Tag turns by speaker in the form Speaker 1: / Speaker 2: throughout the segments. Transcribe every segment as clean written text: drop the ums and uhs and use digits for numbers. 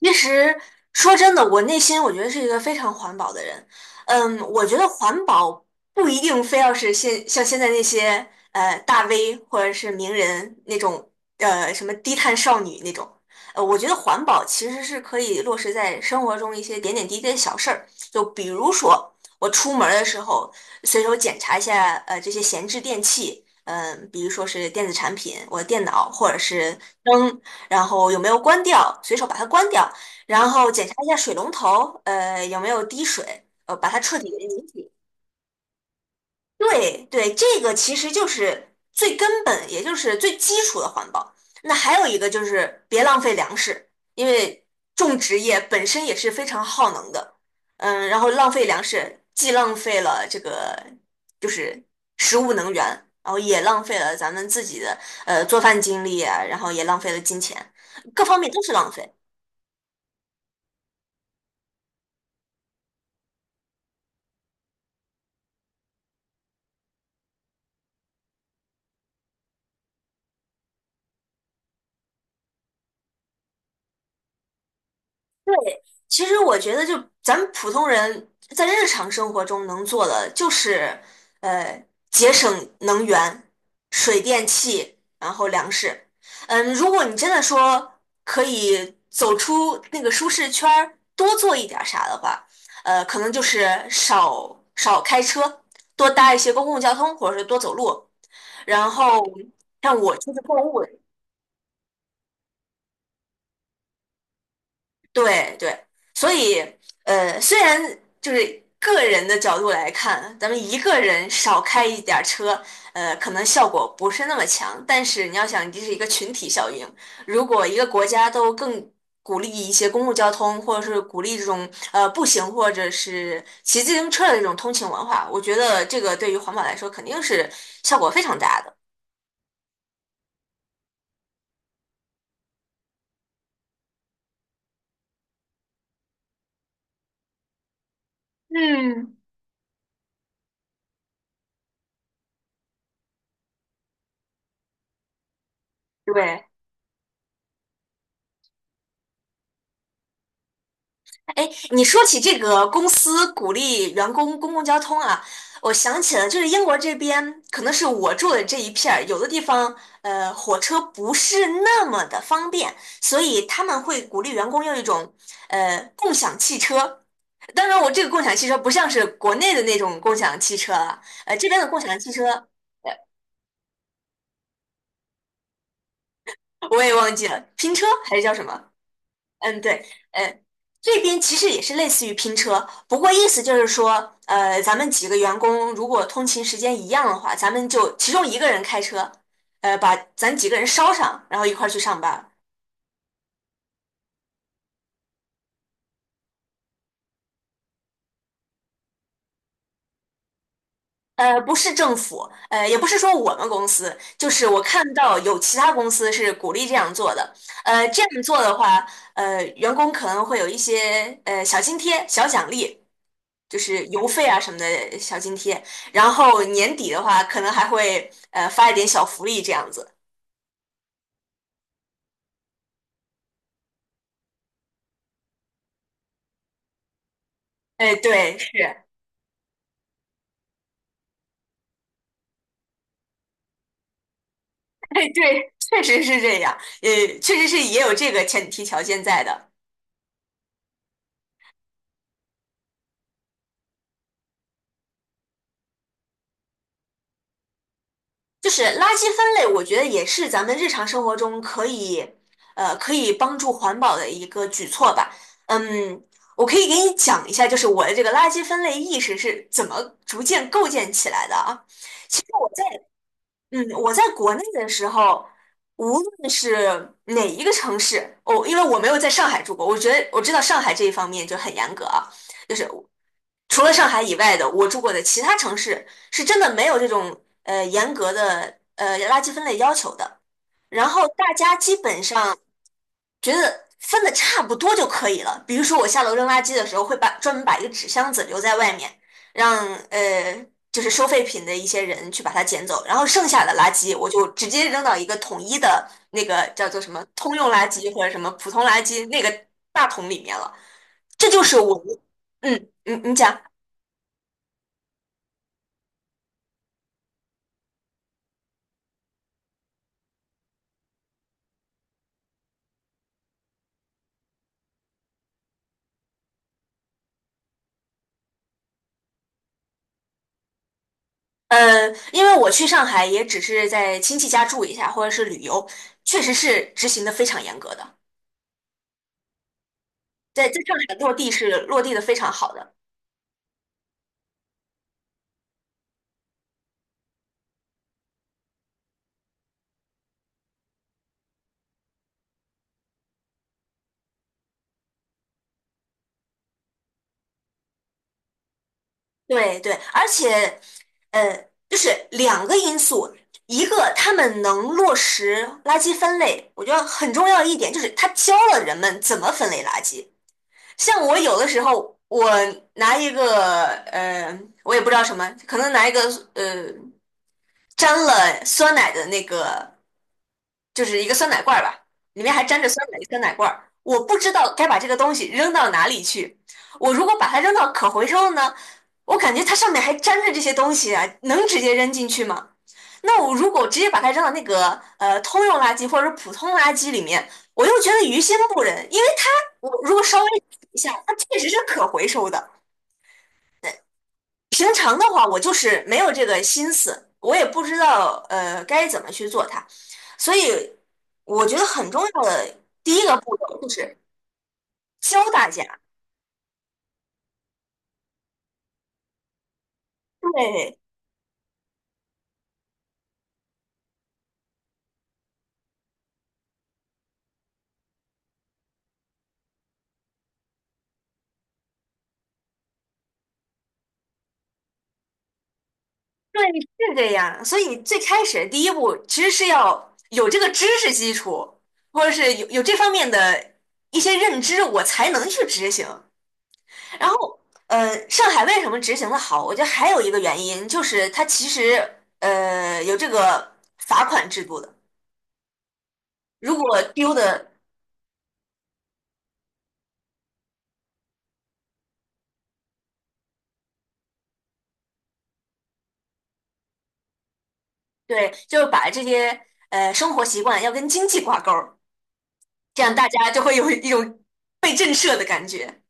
Speaker 1: 其实说真的，我内心觉得是一个非常环保的人。嗯，我觉得环保不一定非要是现在那些大 V 或者是名人那种什么低碳少女那种。我觉得环保其实是可以落实在生活中一些点点滴滴的小事儿，就比如说我出门儿的时候随手检查一下这些闲置电器，嗯、比如说是电子产品，我的电脑或者是灯。然后有没有关掉，随手把它关掉，然后检查一下水龙头，有没有滴水，把它彻底的拧紧。对对，这个其实就是最根本，也就是最基础的环保。那还有一个就是别浪费粮食，因为种植业本身也是非常耗能的。嗯，然后浪费粮食，既浪费了这个就是食物能源，然后也浪费了咱们自己的做饭精力啊然后也浪费了金钱，各方面都是浪费。其实我觉得，就咱们普通人在日常生活中能做的，就是呃节省能源、水电气，然后粮食。嗯，如果你真的说可以走出那个舒适圈儿，多做一点儿啥的话，可能就是少开车，多搭一些公共交通，或者是多走路。然后像我出去购物，对对，所以虽然就是个人的角度来看，咱们一个人少开一点儿车，可能效果不是那么强，但是你要想，这是一个群体效应。如果一个国家都更鼓励一些公共交通，或者是鼓励这种步行或者是骑自行车的这种通勤文化，我觉得这个对于环保来说肯定是效果非常大的。嗯，对，哎，你说起这个公司鼓励员工公共交通啊，我想起了，就是英国这边，可能是我住的这一片儿，有的地方火车不是那么的方便，所以他们会鼓励员工用一种共享汽车。当然，我这个共享汽车不像是国内的那种共享汽车了，这边的共享汽车呃我也忘记了，拼车还是叫什么？嗯，对，嗯，这边其实也是类似于拼车，不过意思就是说，咱们几个员工如果通勤时间一样的话，咱们就其中一个人开车，把咱几个人捎上，然后一块儿去上班不是政府，也不是说我们公司，就是我看到有其他公司是鼓励这样做的。这样做的话，员工可能会有一些小津贴、小奖励。就是邮费啊什么的小津贴，然后年底的话，可能还会发一点小福利这样子。哎，对，是，哎，对，确实是这样，确实是也有这个前提条件在的。就是垃圾分类，我觉得也是咱们日常生活中可以，可以帮助环保的一个举措吧。嗯，我可以给你讲一下，就是我的这个垃圾分类意识是怎么逐渐构建起来的啊。嗯，我在国内的时候，无论是哪一个城市，因为我没有在上海住过，我觉得我知道上海这一方面就很严格啊，就是除了上海以外的，我住过的其他城市是真的没有这种严格的垃圾分类要求的。然后大家基本上觉得分的差不多就可以了。比如说我下楼扔垃圾的时候，专门把一个纸箱子留在外面，让就是收废品的一些人去把它捡走，然后剩下的垃圾我就直接扔到一个统一的那个叫做什么通用垃圾或者什么普通垃圾那个大桶里面了。这就是我，嗯，嗯，你讲。因为我去上海也只是在亲戚家住一下，或者是旅游，确实是执行的非常严格的，在上海落地是落地的非常好的。对对，而且，就是两个因素，一个他们能落实垃圾分类，我觉得很重要一点就是他教了人们怎么分类垃圾。像我有的时候，我拿一个，呃，我也不知道什么，可能拿一个，呃，沾了酸奶的那个就是一个酸奶罐儿吧，里面还沾着酸奶罐儿。我不知道该把这个东西扔到哪里去。我如果把它扔到可回收的呢，我感觉它上面还粘着这些东西啊，能直接扔进去吗？那我如果直接把它扔到那个通用垃圾或者普通垃圾里面，我又觉得于心不忍，因为它我如果稍微洗一下，它确实是可回收的。平常的话，我就是没有这个心思，我也不知道该怎么去做它，所以我觉得很重要的第一个步骤就是教大家。对对，是这样。所以最开始第一步其实是要有这个知识基础，或者是有这方面的一些认知，我才能去执行。然后，上海为什么执行的好？我觉得还有一个原因就是它其实有这个罚款制度的。如果丢的，对，就是把这些生活习惯要跟经济挂钩儿，这样大家就会有一种被震慑的感觉。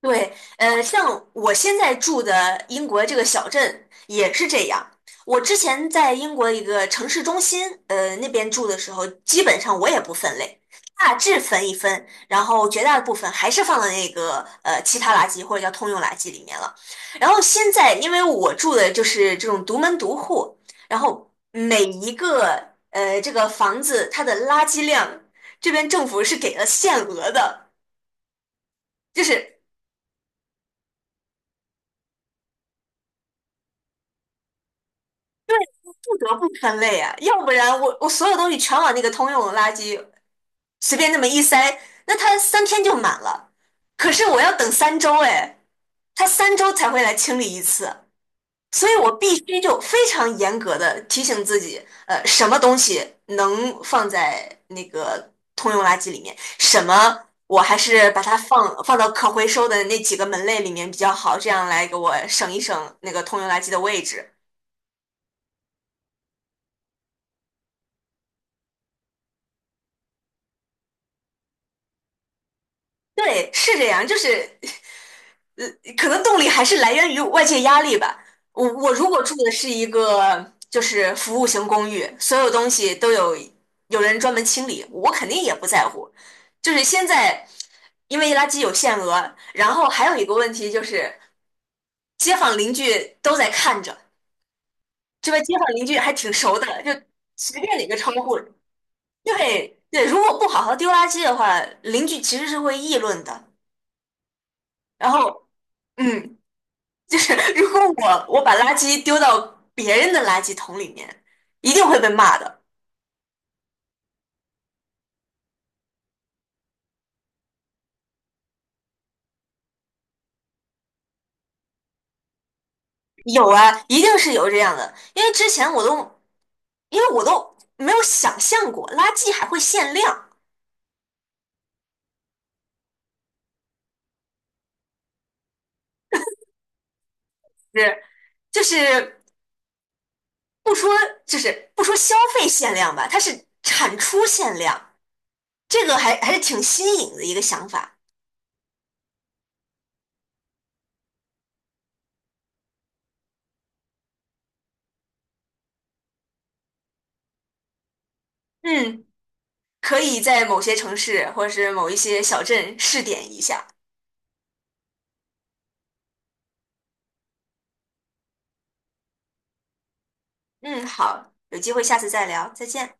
Speaker 1: 对，像我现在住的英国这个小镇也是这样。我之前在英国一个城市中心，那边住的时候，基本上我也不分类，大致分一分，然后绝大部分还是放到那个其他垃圾或者叫通用垃圾里面了。然后现在，因为我住的就是这种独门独户，然后每一个这个房子它的垃圾量，这边政府是给了限额的。就是不得不分类啊，要不然我所有东西全往那个通用的垃圾随便那么一塞，那它三天就满了。可是我要等三周，哎，它三周才会来清理一次，所以我必须就非常严格的提醒自己，什么东西能放在那个通用垃圾里面，什么我还是把它放到可回收的那几个门类里面比较好，这样来给我省一省那个通用垃圾的位置。对，是这样，就是呃，可能动力还是来源于外界压力吧。我如果住的是一个就是服务型公寓，所有东西都有有人专门清理，我肯定也不在乎。就是现在，因为垃圾有限额，然后还有一个问题就是街坊邻居都在看着，这边街坊邻居还挺熟的，就随便哪个窗户，对对，如果不好好丢垃圾的话，邻居其实是会议论的。然后，嗯，就是如果我把垃圾丢到别人的垃圾桶里面，一定会被骂的。有啊，一定是有这样的，因为之前我都因为我都没有想象过垃圾还会限量，是就是不说就是不说消费限量吧，它是产出限量，这个还是挺新颖的一个想法。嗯，可以在某些城市或者是某一些小镇试点一下。嗯，好，有机会下次再聊，再见。